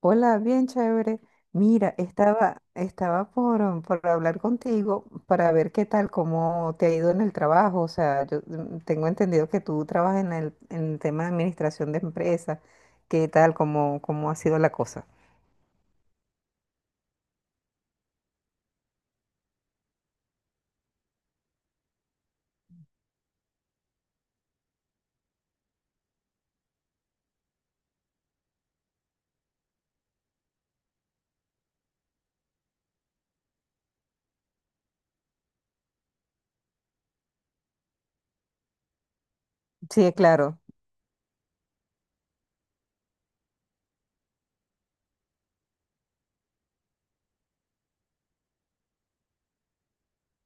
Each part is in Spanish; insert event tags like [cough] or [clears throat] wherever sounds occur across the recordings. Hola, bien chévere. Mira, estaba por, por hablar contigo para ver qué tal, cómo te ha ido en el trabajo. O sea, yo tengo entendido que tú trabajas en el tema de administración de empresas. ¿Qué tal, cómo ha sido la cosa? Sí, claro.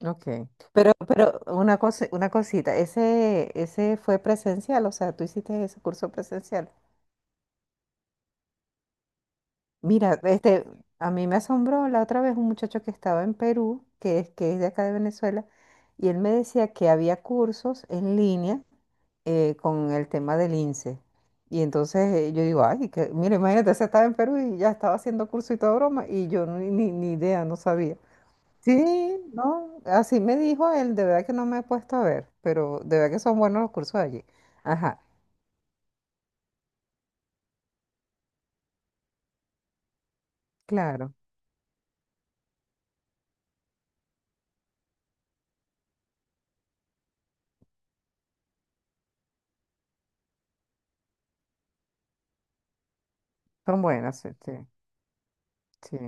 Ok. Pero una cosa, una cosita, ese fue presencial, o sea, tú hiciste ese curso presencial. Mira, este, a mí me asombró la otra vez un muchacho que estaba en Perú, que es de acá de Venezuela, y él me decía que había cursos en línea, con el tema del INSEE. Y entonces, yo digo, ay, que, mira, imagínate, se estaba en Perú y ya estaba haciendo curso y toda broma, y yo ni, ni idea, no sabía. Sí, no, así me dijo él, de verdad que no me he puesto a ver, pero de verdad que son buenos los cursos allí. Ajá, claro, son buenas, sí, sí. Sí.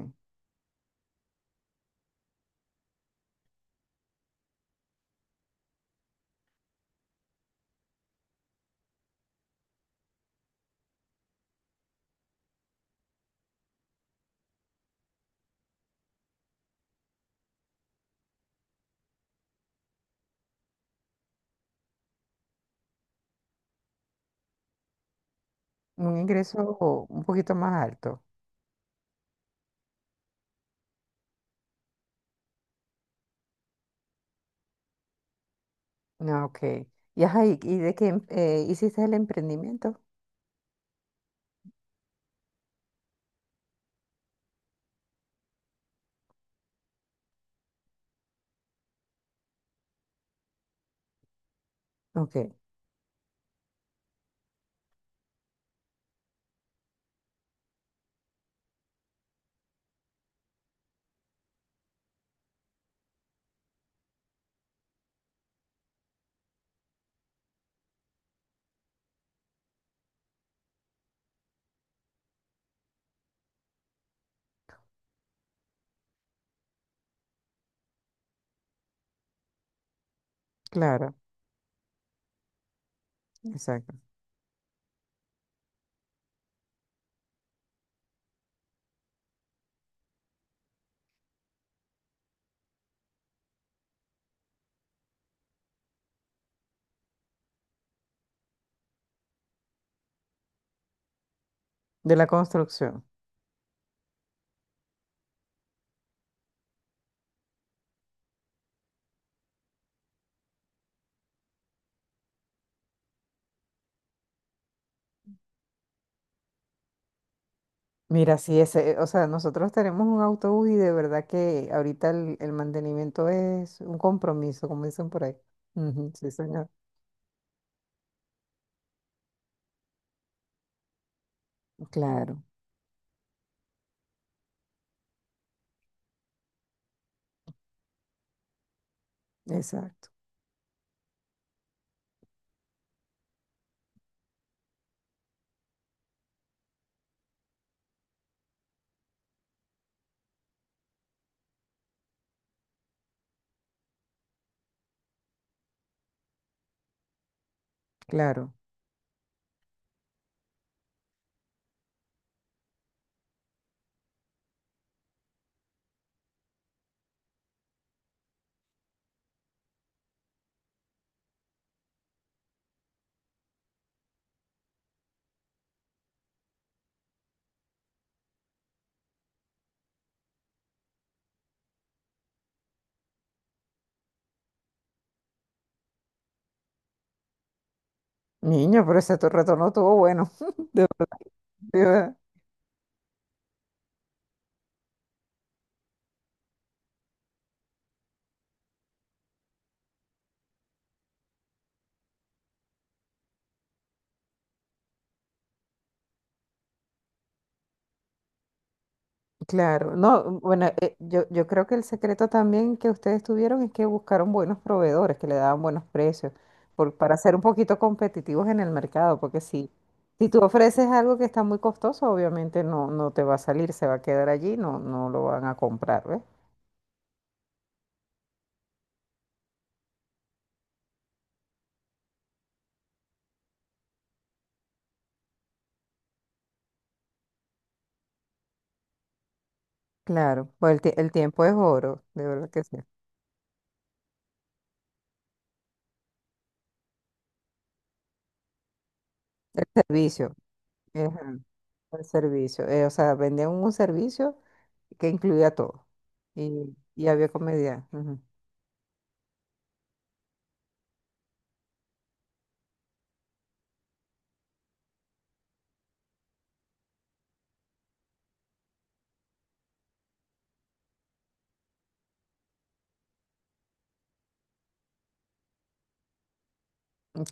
Un ingreso un poquito más alto. Ah, ok. Y, ajá, y de qué hiciste el emprendimiento? Ok, claro, exacto. De la construcción. Mira, sí, ese, o sea, nosotros tenemos un autobús y de verdad que ahorita el mantenimiento es un compromiso, como dicen por ahí. Ujú, sí, señor. Claro, exacto, claro. Niño, pero ese tu retorno estuvo bueno. [laughs] De verdad. Claro, no, bueno, yo creo que el secreto también que ustedes tuvieron es que buscaron buenos proveedores que le daban buenos precios para ser un poquito competitivos en el mercado, porque si, si tú ofreces algo que está muy costoso, obviamente no, no te va a salir, se va a quedar allí, no, no lo van a comprar, ¿ves? Claro, pues el tiempo es oro, de verdad que sí. El servicio, ajá, el servicio, o sea, vendían un servicio que incluía todo y había comedia.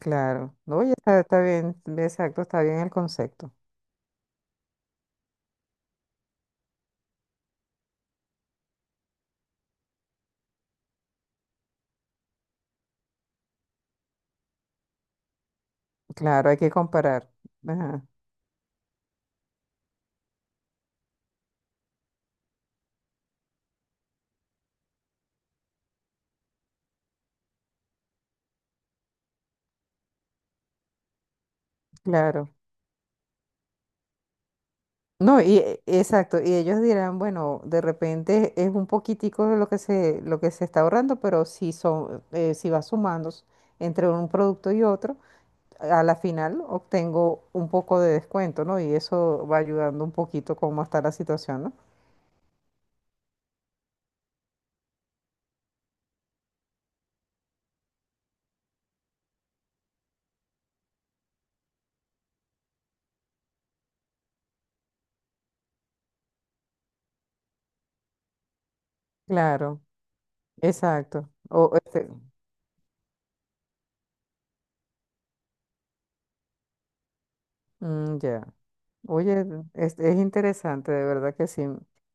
Claro, no, oye, está, está bien, exacto, está bien el concepto. Claro, hay que comparar. Ajá, claro. No, exacto, y ellos dirán, bueno, de repente es un poquitico de lo lo que se está ahorrando, pero si son, si va sumando entre un producto y otro, a la final obtengo un poco de descuento, ¿no? Y eso va ayudando un poquito cómo está la situación, ¿no? Claro, exacto. O este, mm, ya. Oye, es interesante, de verdad que sí.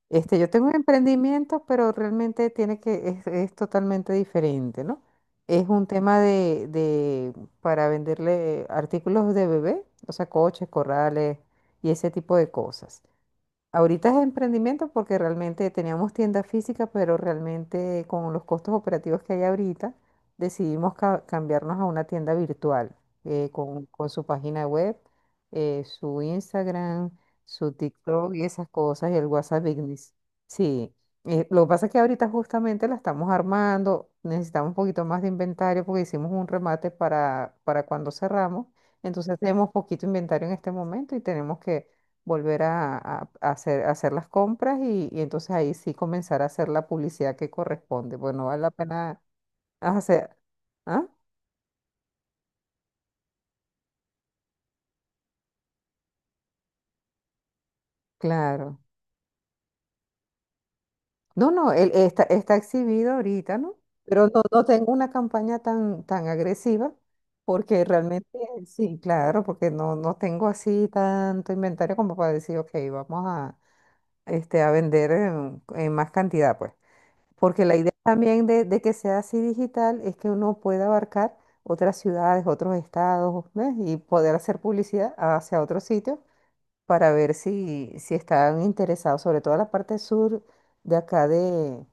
Este, yo tengo un emprendimiento, pero realmente tiene que, es totalmente diferente, ¿no? Es un tema para venderle artículos de bebé, o sea, coches, corrales y ese tipo de cosas. Ahorita es emprendimiento porque realmente teníamos tienda física, pero realmente con los costos operativos que hay ahorita, decidimos cambiarnos a una tienda virtual, con su página web, su Instagram, su TikTok y esas cosas, y el WhatsApp Business. Sí, lo que pasa es que ahorita justamente la estamos armando, necesitamos un poquito más de inventario porque hicimos un remate para cuando cerramos, entonces tenemos poquito inventario en este momento y tenemos que volver a hacer las compras, y entonces ahí sí comenzar a hacer la publicidad que corresponde. Bueno, vale la pena hacer. ¿Ah? Claro. No, no, él está, está exhibido ahorita, ¿no? Pero no, no tengo una campaña tan, tan agresiva porque realmente sí, claro, porque no, no tengo así tanto inventario como para decir, ok, vamos a, este, a vender en más cantidad, pues. Porque la idea también de que sea así digital es que uno pueda abarcar otras ciudades, otros estados, ¿ves? Y poder hacer publicidad hacia otros sitios para ver si, si están interesados, sobre todo la parte sur de acá de,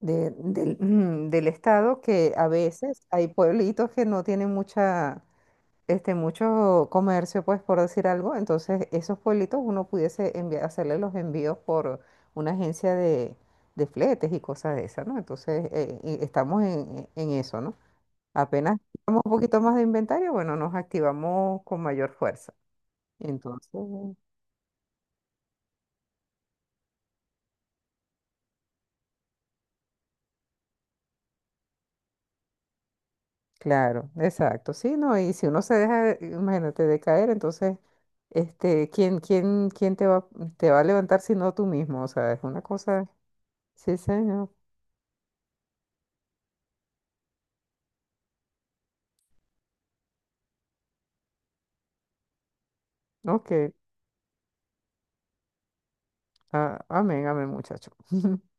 de- del, [clears throat] del estado, que a veces hay pueblitos que no tienen mucha, este, mucho comercio, pues, por decir algo. Entonces, esos pueblitos uno pudiese enviar, hacerle los envíos por una agencia de fletes y cosas de esas, ¿no? Entonces, y estamos en eso, ¿no? Apenas tenemos un poquito más de inventario, bueno, nos activamos con mayor fuerza. Entonces, claro, exacto, sí, ¿no? Y si uno se deja, imagínate, de caer, entonces, este, ¿quién, quién, te va a levantar si no tú mismo? O sea, es una cosa, sí, señor. Ok. Ah, amén, amén, muchacho. [laughs]